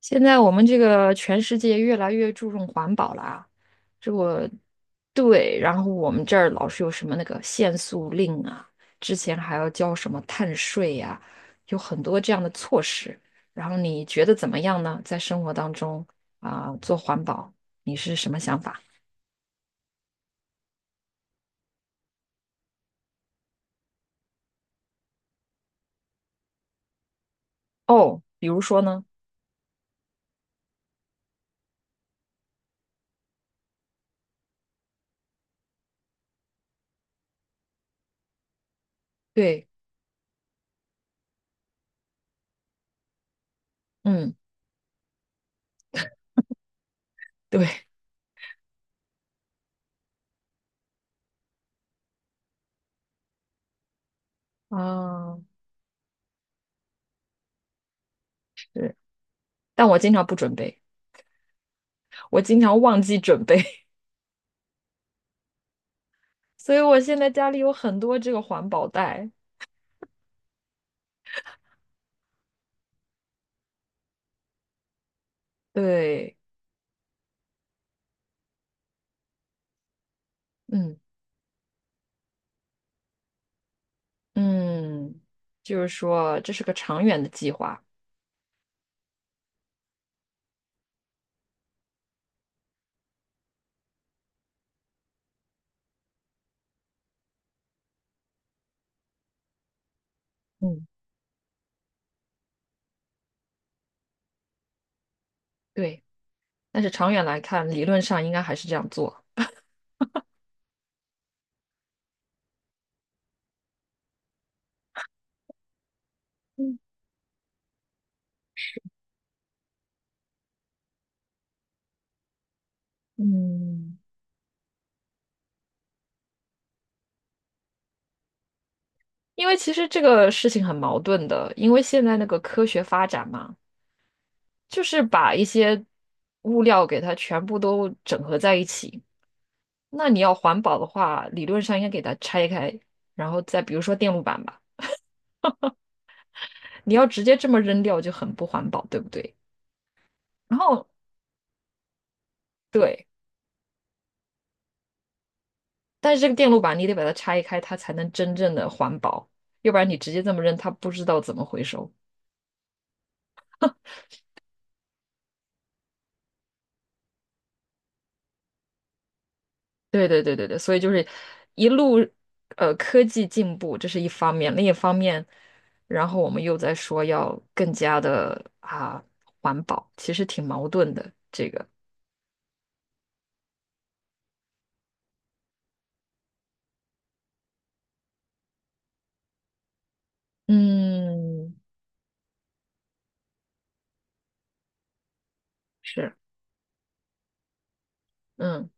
现在我们这个全世界越来越注重环保了啊，这我对，然后我们这儿老是有什么那个限速令啊，之前还要交什么碳税呀、有很多这样的措施。然后你觉得怎么样呢？在生活当中啊、做环保，你是什么想法？哦，比如说呢？对，嗯，对，啊，对。但我经常不准备，我经常忘记准备，所以我现在家里有很多这个环保袋。对，嗯嗯，就是说这是个长远的计划，嗯对。但是长远来看，理论上应该还是这样做，嗯嗯因为其实这个事情很矛盾的，因为现在那个科学发展嘛，就是把一些物料给它全部都整合在一起。那你要环保的话，理论上应该给它拆开，然后再比如说电路板吧，你要直接这么扔掉就很不环保，对不对？然后。对。但是这个电路板你得把它拆开，它才能真正的环保，要不然你直接这么扔，它不知道怎么回收。对对对对对，所以就是一路科技进步，这是一方面，另一方面，然后我们又在说要更加的啊环保，其实挺矛盾的。嗯，是，嗯，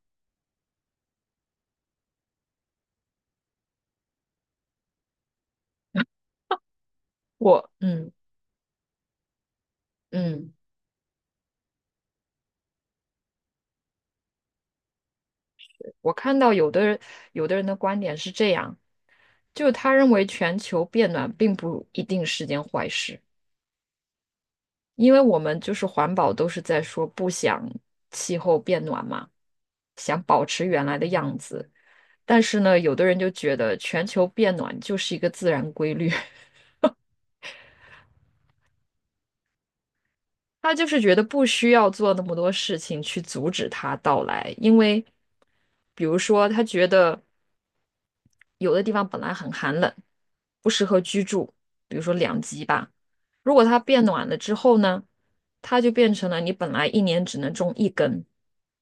我嗯，我看到有的人有的人的观点是这样，就是他认为全球变暖并不一定是件坏事。因为我们就是环保都是在说不想气候变暖嘛，想保持原来的样子。但是呢，有的人就觉得全球变暖就是一个自然规律，他就是觉得不需要做那么多事情去阻止它到来，因为比如说他觉得。有的地方本来很寒冷，不适合居住，比如说两极吧。如果它变暖了之后呢，它就变成了你本来一年只能种一根，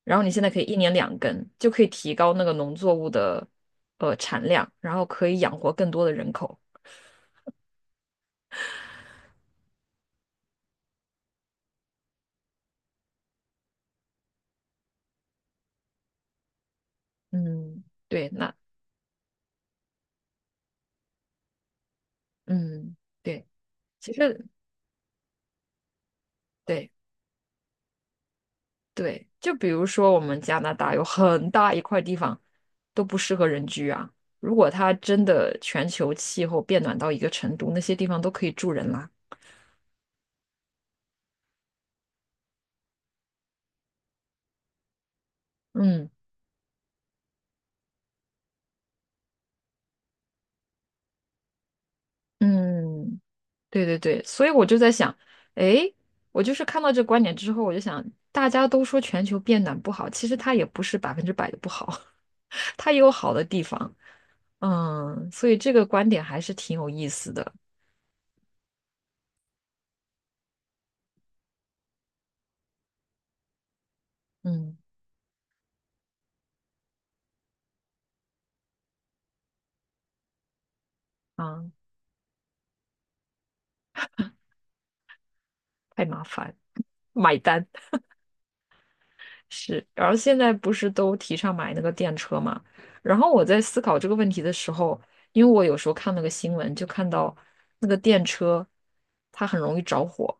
然后你现在可以一年两根，就可以提高那个农作物的产量，然后可以养活更多的人口。嗯，对，那嗯，对，其实对。对，就比如说我们加拿大有很大一块地方都不适合人居啊。如果它真的全球气候变暖到一个程度，那些地方都可以住人啦。嗯嗯，对对对，所以我就在想，诶，我就是看到这观点之后，我就想，大家都说全球变暖不好，其实它也不是百分之百的不好，它也有好的地方。嗯，所以这个观点还是挺有意思的。嗯啊，太麻烦，买单。是，然后现在不是都提倡买那个电车嘛？然后我在思考这个问题的时候，因为我有时候看那个新闻，就看到那个电车，它很容易着火，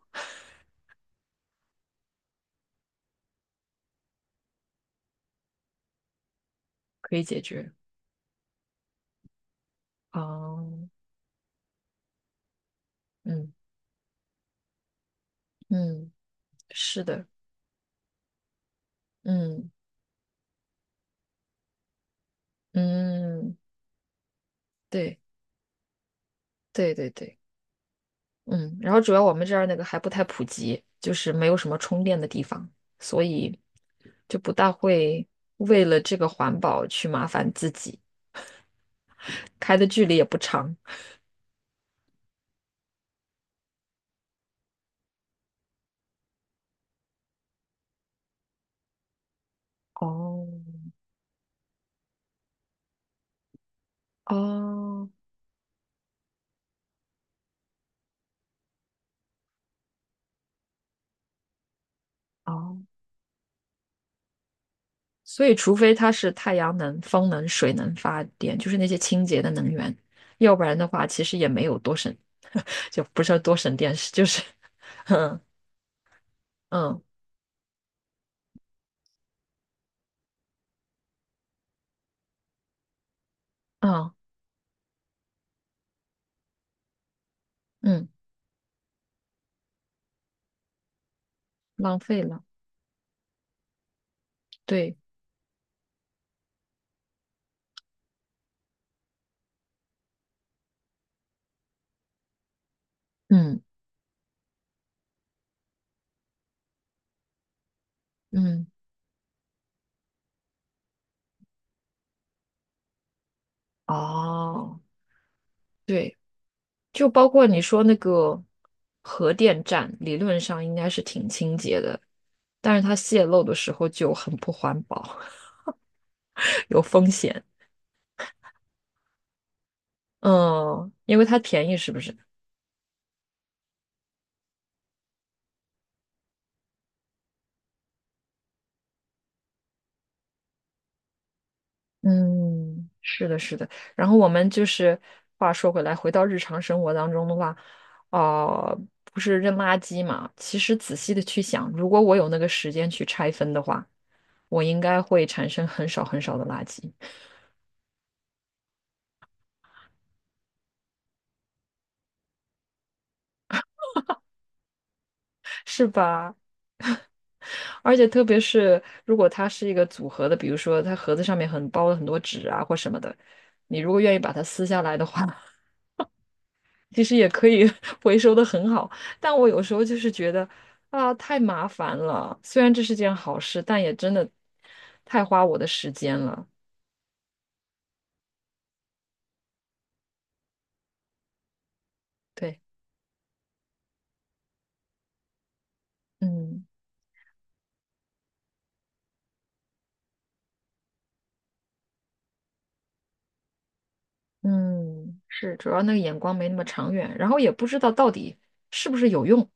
可以解决。啊，嗯嗯，是的，嗯嗯，对对对对，嗯。然后主要我们这儿那个还不太普及，就是没有什么充电的地方，所以就不大会为了这个环保去麻烦自己，开的距离也不长。哦哦哦，所以除非它是太阳能、风能、水能发电，就是那些清洁的能源，要不然的话，其实也没有多省，就不是多省电，是就是 嗯嗯嗯嗯，浪费了，对，嗯嗯，哦，对，就包括你说那个核电站，理论上应该是挺清洁的，但是它泄漏的时候就很不环保，有风险。嗯，因为它便宜，是不是？嗯，是的，是的。然后我们就是话说回来，回到日常生活当中的话，哦、不是扔垃圾嘛？其实仔细的去想，如果我有那个时间去拆分的话，我应该会产生很少很少的垃圾，是吧？而且特别是如果它是一个组合的，比如说它盒子上面很包了很多纸啊或什么的，你如果愿意把它撕下来的话，其实也可以 回收的很好，但我有时候就是觉得啊，太麻烦了。虽然这是件好事，但也真的太花我的时间了。对，嗯嗯，是，主要那个眼光没那么长远，然后也不知道到底是不是有用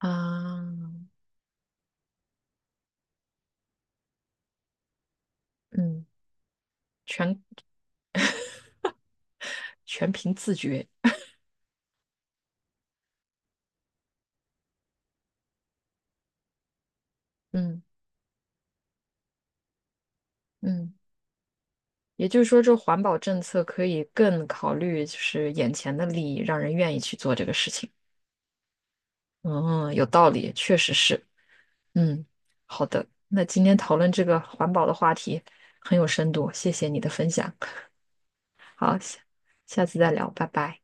啊。嗯，全绝，嗯嗯，也就是说，这环保政策可以更考虑就是眼前的利益，让人愿意去做这个事情。嗯，有道理，确实是。嗯，好的，那今天讨论这个环保的话题很有深度，谢谢你的分享。好，下下次再聊，拜拜。